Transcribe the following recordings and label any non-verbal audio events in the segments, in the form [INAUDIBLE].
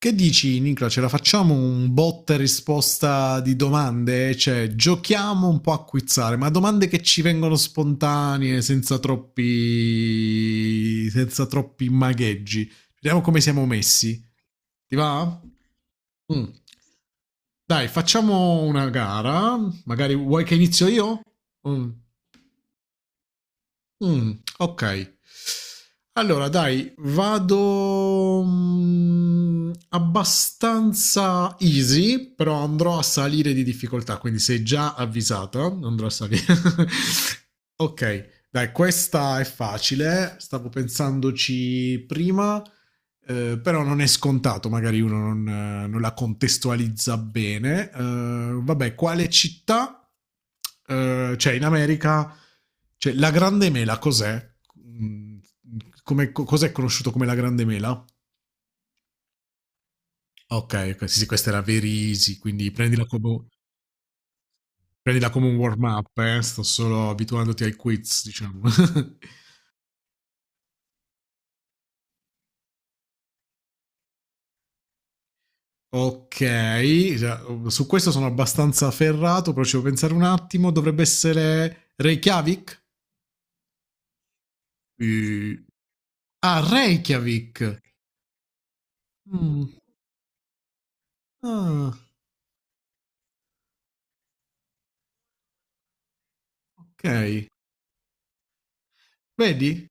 Che dici, Nicola? Ce la facciamo un botta e risposta di domande? Cioè, giochiamo un po' a quizzare, ma domande che ci vengono spontanee, senza troppi magheggi. Vediamo come siamo messi. Ti va? Mm. Dai, facciamo una gara. Magari vuoi che inizio io? Mm. Okay. Allora dai, vado, abbastanza easy, però andrò a salire di difficoltà, quindi sei già avvisata, andrò a sali [LAUGHS] Okay, dai, questa è facile, stavo pensandoci prima. Però non è scontato, magari uno non la contestualizza bene. Vabbè, quale città? Cioè, in America, cioè, la Grande Mela cos'è? Mm. Cos'è conosciuto come la Grande Mela? Ok, ok, sì, sì, questa era Verisi, quindi prendila come un warm-up, eh. Sto solo abituandoti ai quiz, diciamo. [LAUGHS] Ok, cioè, su questo sono abbastanza ferrato, però ci devo pensare un attimo. Dovrebbe essere Reykjavik? Eh, Ah, Reykjavik. Mm, ah, ok, vedi?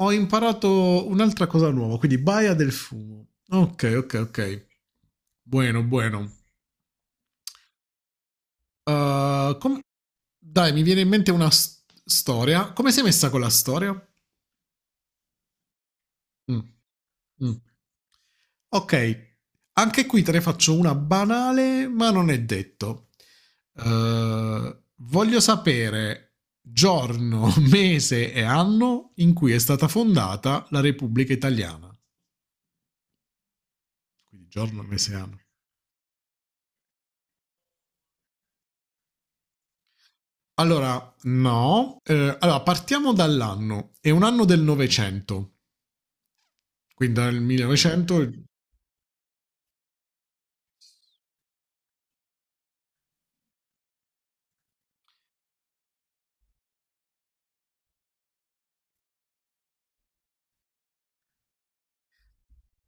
Ho imparato un'altra cosa nuova, quindi Baia del Fumo. Ok, ok, ok. Buono, buono. Uh, com- Dai, mi viene in mente una storia. Come sei messa con la storia? Mm, mm. Ok, anche qui te ne faccio una banale, ma non è detto. Voglio sapere giorno, [LAUGHS] mese e anno in cui è stata fondata la Repubblica Italiana. Quindi giorno, mese e anno. Allora, no. Allora, partiamo dall'anno. È un anno del Novecento. Quindi dal 1900...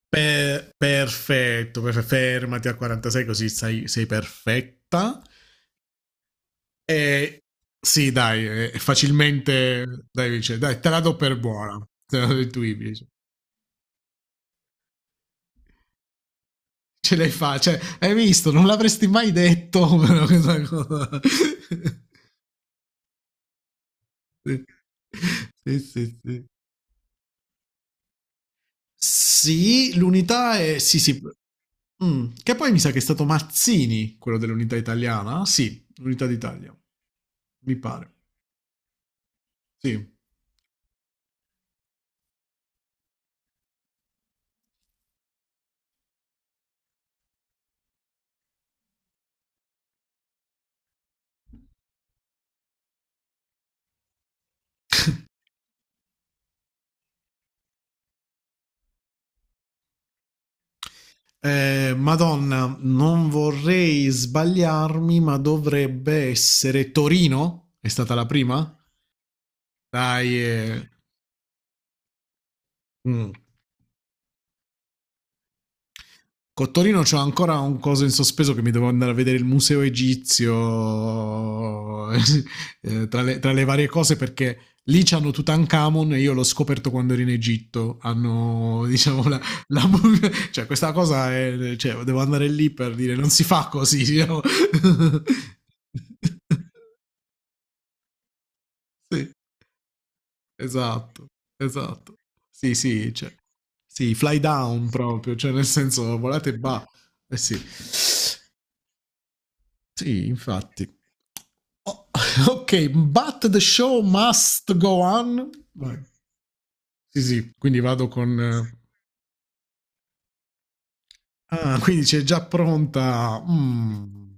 Perfetto, fermati a 46 così sei perfetta. E sì, dai, è facilmente, dai, dice, dai, te la do per buona, te la do intuibile, dice. Cioè, hai visto, non l'avresti mai detto, [LAUGHS] però questa cosa. [LAUGHS] Sì, sì, sì, sì. Sì, l'unità è, sì, sì. Mm. Che poi mi sa che è stato Mazzini, quello dell'unità italiana. Sì, l'unità d'Italia, mi pare. Sì. Madonna, non vorrei sbagliarmi, ma dovrebbe essere Torino? È stata la prima? Dai, eh. Mm. Con Torino c'ho ancora un coso in sospeso che mi devo andare a vedere il museo egizio [LAUGHS] tra le varie cose perché lì c'hanno Tutankhamon e io l'ho scoperto quando ero in Egitto hanno [LAUGHS] diciamo la, la [LAUGHS] mumia, cioè questa cosa è, cioè, devo andare lì per dire non si fa così, diciamo. [LAUGHS] Sì, esatto, esatto. Sì, sì, cioè sì, fly down proprio, cioè nel senso volate e ba. Eh sì, sì, infatti. O- [LAUGHS] ok, but the show must go on. Vai. Sì, sì, quindi vado con... ah, quindi c'è già pronta... mm.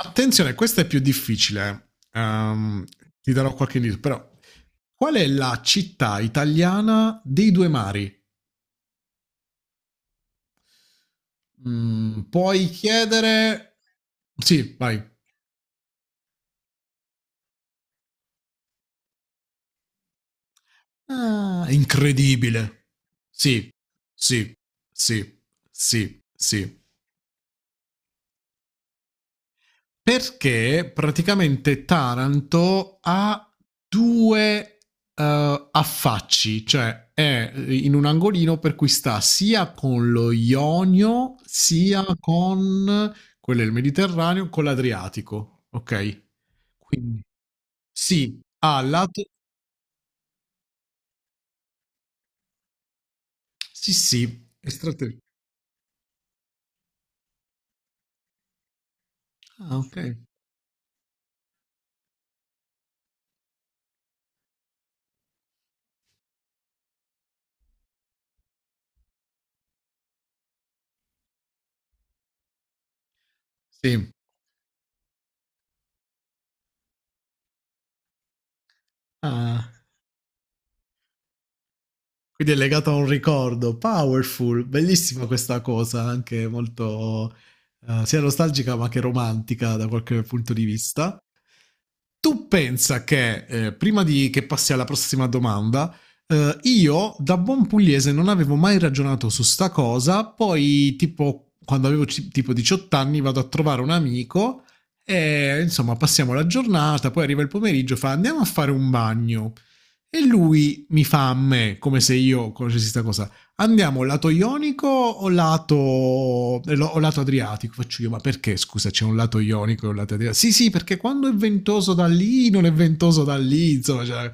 Attenzione, questa è più difficile. Ti darò qualche indizio, però... Qual è la città italiana dei due mari? Mm, puoi chiedere... Sì, vai. Ah, è incredibile. Sì, sì, sì, sì, sì. Perché praticamente Taranto ha due affacci, cioè è in un angolino per cui sta sia con lo Ionio, sia con quello del Mediterraneo, con l'Adriatico. Ok? Quindi sì, ha lato. Sì, sì. Extraterrestri. Ah, ok. Sì. Ah, quindi è legato a un ricordo. Powerful, bellissima questa cosa, anche molto sia nostalgica ma che romantica da qualche punto di vista. Tu pensa che, prima di che passi alla prossima domanda, io da buon pugliese non avevo mai ragionato su sta cosa, poi tipo quando avevo tipo 18 anni vado a trovare un amico e insomma passiamo la giornata, poi arriva il pomeriggio, fa andiamo a fare un bagno. E lui mi fa a me, come se io conoscessi sta cosa: andiamo lato ionico o o lato adriatico? Faccio io, ma perché scusa c'è un lato ionico e un lato adriatico? Sì, sì, perché quando è ventoso da lì non è ventoso da lì, insomma, cioè.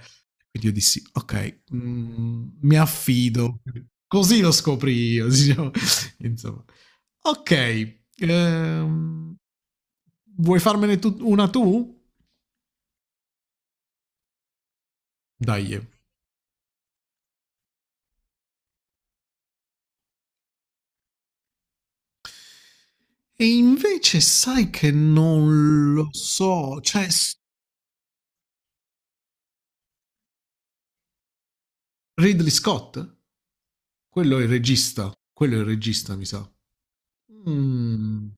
Quindi io dissi, ok, mi affido. Così lo scopri io, diciamo. [LAUGHS] insomma. Ok, ehm, vuoi farmene una tu? Dai. E invece sai che non lo so, cioè Ridley Scott? Quello è il regista, quello è il regista, mi sa. Mm.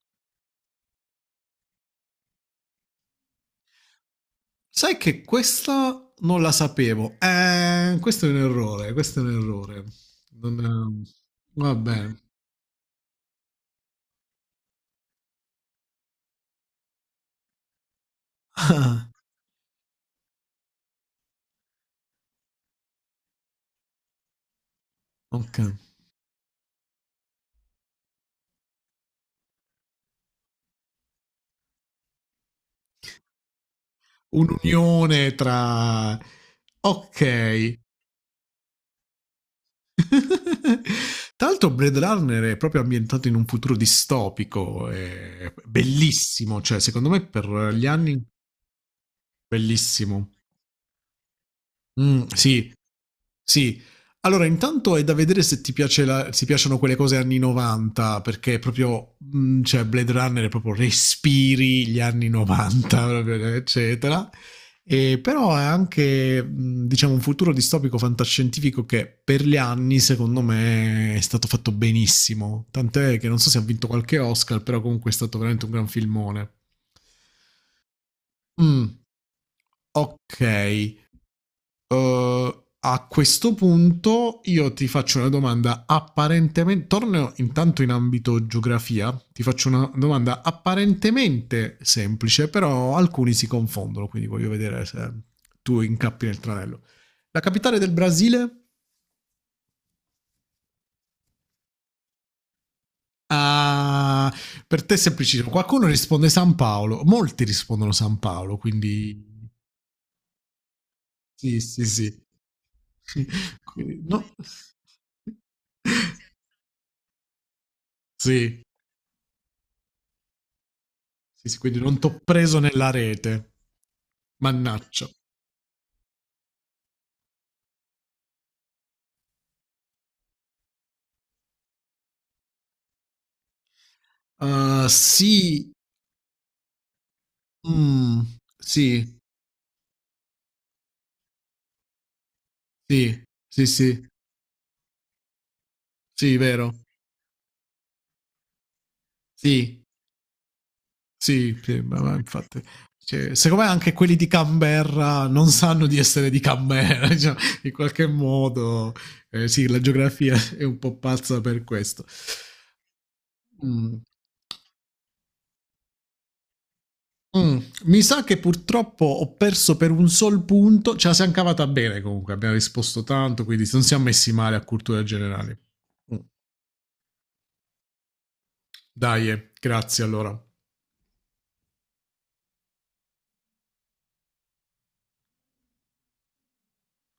Sai che questa non la sapevo. Questo è un errore, questo è un errore. Non, Vabbè. [LAUGHS] Ah, ok. Un'unione tra... Ok. [LAUGHS] Tra l'altro Blade Runner è proprio ambientato in un futuro distopico, è bellissimo, cioè secondo me per gli anni bellissimo. Sì, sì. Allora intanto è da vedere se ti piace la se ti piacciono quelle cose anni '90, perché proprio cioè Blade Runner proprio respiri gli anni '90 [LAUGHS] proprio eccetera. Però è anche, diciamo un futuro distopico fantascientifico che per gli anni secondo me è stato fatto benissimo, tant'è che non so se ha vinto qualche Oscar, però comunque è stato veramente un gran filmone. Mh, okay. A questo punto io ti faccio una domanda apparentemente, torno intanto in ambito geografia, ti faccio una domanda apparentemente semplice, però alcuni si confondono, quindi voglio vedere se tu incappi nel tranello. La capitale del Brasile? Ah, per te è semplicissimo. Qualcuno risponde San Paolo, molti rispondono San Paolo, quindi sì, sì, sì. [LAUGHS] Quindi, no. [LAUGHS] Sì, sì, sì, quindi non t'ho preso nella rete. Mannaccio. Sì. Mm, sì, sì, sì, sì, sì, vero. Sì, sì, sì, ma infatti, cioè, secondo me anche quelli di Canberra non sanno di essere di Canberra, [LAUGHS] cioè, in qualche modo. Eh, sì, la geografia [LAUGHS] è un po' pazza per questo. Mm. Mm, mi sa che purtroppo ho perso per un sol punto, ce la siamo cavata bene comunque, abbiamo risposto tanto, quindi non siamo messi male a cultura generale. Mm. Dai, grazie allora.